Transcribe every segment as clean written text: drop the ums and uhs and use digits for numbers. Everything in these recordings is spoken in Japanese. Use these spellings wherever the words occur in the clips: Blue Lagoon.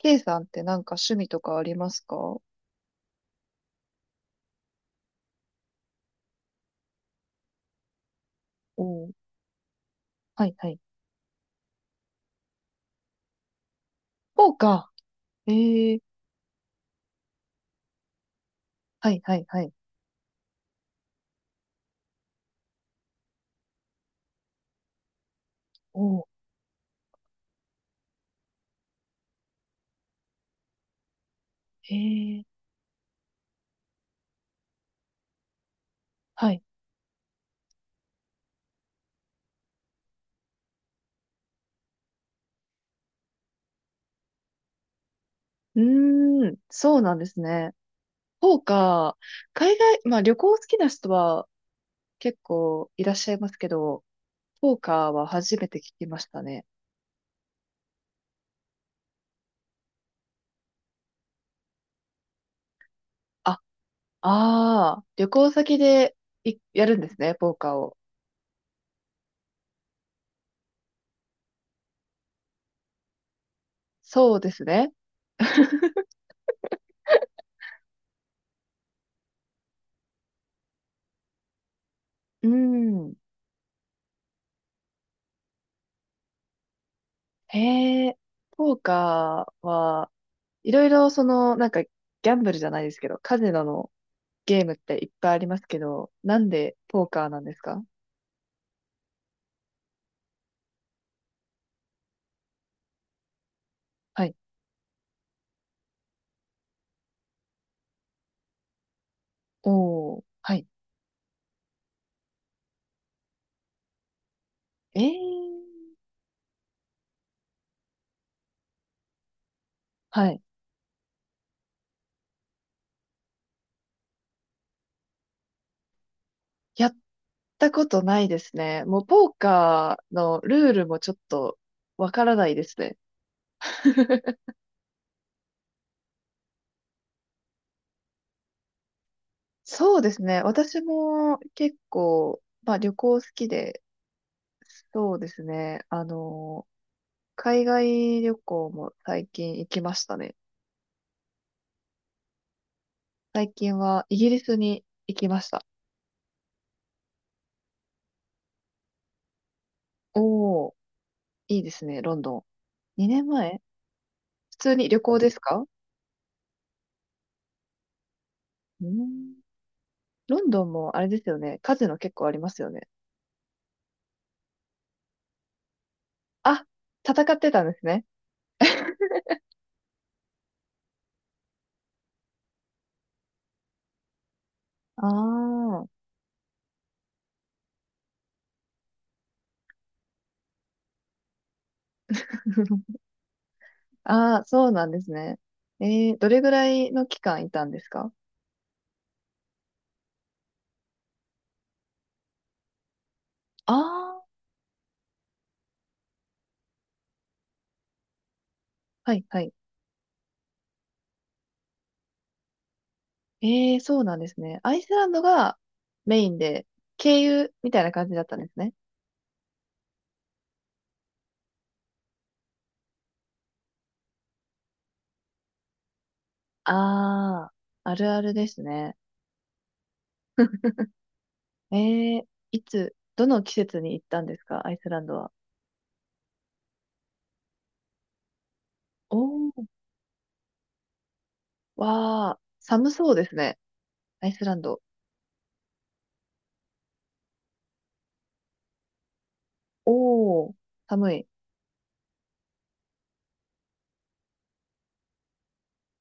K さんってなんか趣味とかありますか？お、おー、はいはい。そうか。えー、はいはいはい。おお、えー、はい。うーん、そうなんですね。そうか。海外、まあ旅行好きな人は結構いらっしゃいますけど、ポーカーは初めて聞きましたね。あ、ああ、旅行先でいやるんですね、ポーカーを。そうですね。うーん。へえ、ポーカーは、いろいろその、なんか、ギャンブルじゃないですけど、カジノのゲームっていっぱいありますけど、なんでポーカーなんですか？はい。おー、はい。えー、はい。やったことないですね。もうポーカーのルールもちょっとわからないですね。そうですね。私も結構、まあ旅行好きで、そうですね。海外旅行も最近行きましたね。最近はイギリスに行きました。おー、いいですね、ロンドン。2年前、普通に旅行ですか？うん。ロンドンもあれですよね。カジノ結構ありますよね。あ、戦ってたんですね。ああ。ああ、そうなんですね。えー、どれぐらいの期間いたんですか？ああー、はいはい。えー、そうなんですね。アイスランドがメインで、経由みたいな感じだったんですね。ああ、あるあるですね。えー、いつ、どの季節に行ったんですか、アイスランドは？おわあ、寒そうですね。アイスランド。おー、寒い。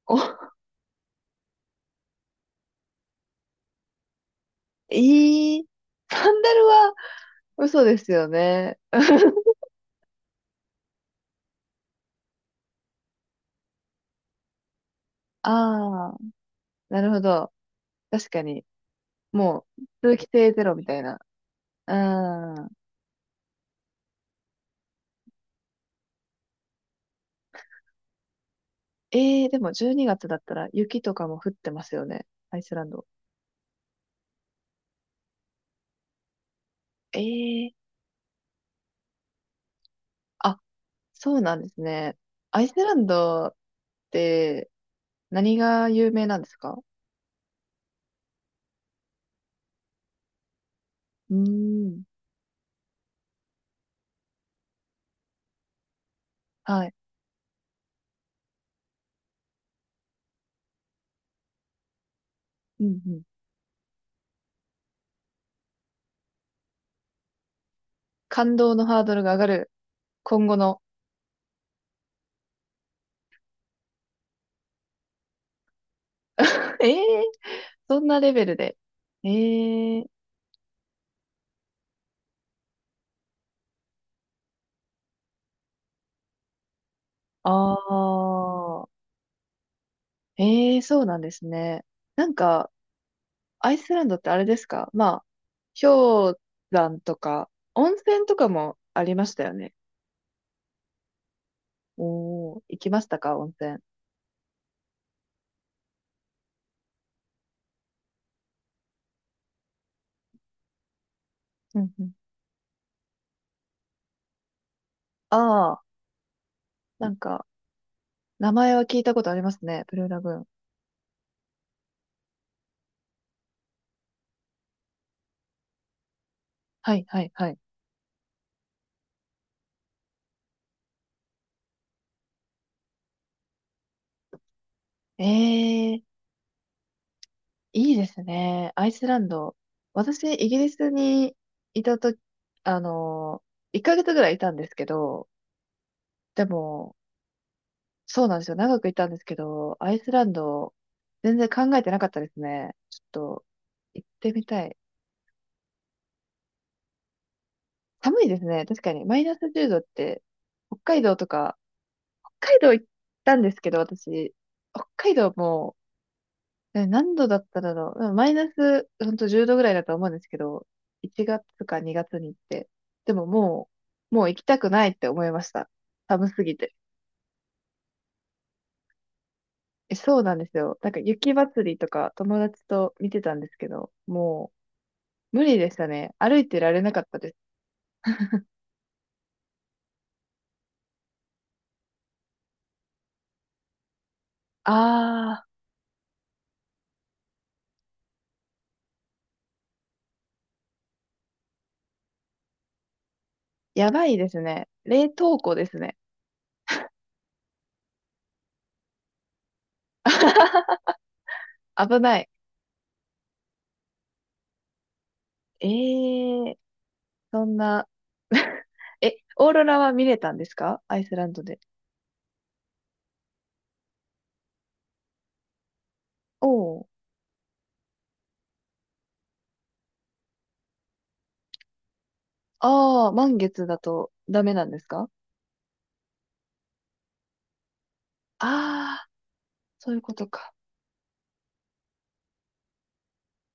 お、えー、サンダルは嘘ですよね。ああ、なるほど。確かに。もう、通気性ゼロみたいな。うん。ええ。でも12月だったら雪とかも降ってますよね。アイスランド。ええ、あ、そうなんですね。アイスランドって何が有名なんですか？うーん。はい。うんうん。感動のハードルが上がる。今後の。ええ、そんなレベルで。ええ。ああ、ええ、そうなんですね。なんか、アイスランドってあれですか？まあ、氷山とか、温泉とかもありましたよね。おー、行きましたか、温泉？うんうん。ああ、なんか、名前は聞いたことありますね。ブルーラグーン。はい、はい、はい。え、いいですね。アイスランド。私、イギリスにいたとき、あの、1ヶ月ぐらいいたんですけど、でも、そうなんですよ。長くいたんですけど、アイスランド、全然考えてなかったですね。ちょっと、行ってみたい。寒いですね。確かに。マイナス10度って、北海道とか、北海道行ったんですけど、私、北海道も何度だっただろう。うんマイナス、ほんと10度ぐらいだと思うんですけど、1月か2月に行って。でももう行きたくないって思いました。寒すぎて。え、そうなんですよ。なんか雪祭りとか友達と見てたんですけど、もう無理でしたね。歩いてられなかったです。あー、やばいですね。冷凍庫ですね。危ない。えー、そんな。え、オーロラは見れたんですか、アイスランドで？おー。ああ、満月だとダメなんですか？ああー、そういうことか。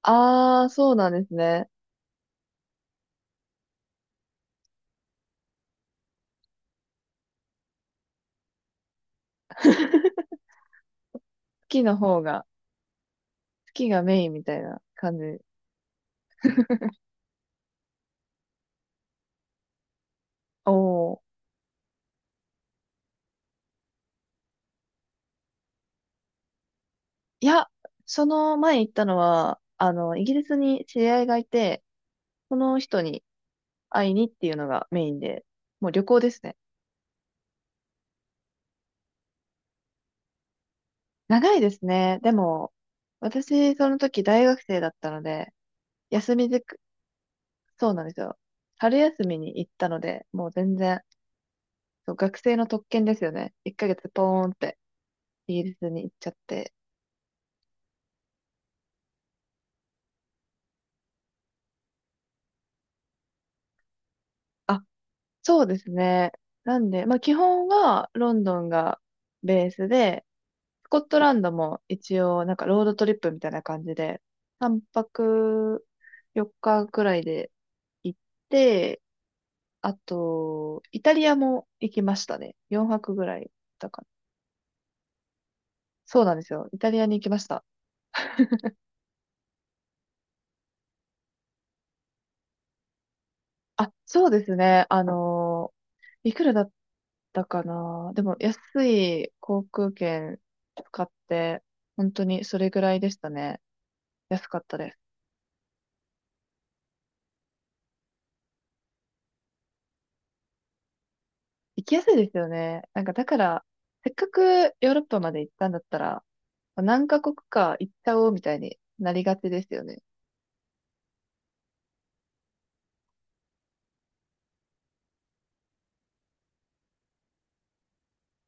ああ、そうなんですね。月の方が、月がメインみたいな感じ。おお。いや、その前行ったのは、イギリスに知り合いがいて、その人に会いにっていうのがメインで、もう旅行ですね。長いですね。でも、私、その時大学生だったので、休みづく、そうなんですよ。春休みに行ったので、もう全然そう、学生の特権ですよね。1ヶ月ポーンってイギリスに行っちゃって。あ、そうですね。なんで、まあ基本はロンドンがベースで、スコットランドも一応なんかロードトリップみたいな感じで、3泊4日くらいで行って、あと、イタリアも行きましたね。4泊ぐらいだから。そうなんですよ。イタリアに行きました。あ、そうですね。いくらだったかな。でも、安い航空券使って、本当にそれぐらいでしたね。安かったです。行きやすいですよね。なんか、だから、せっかくヨーロッパまで行ったんだったら、何カ国か行っちゃおうみたいになりがちですよね。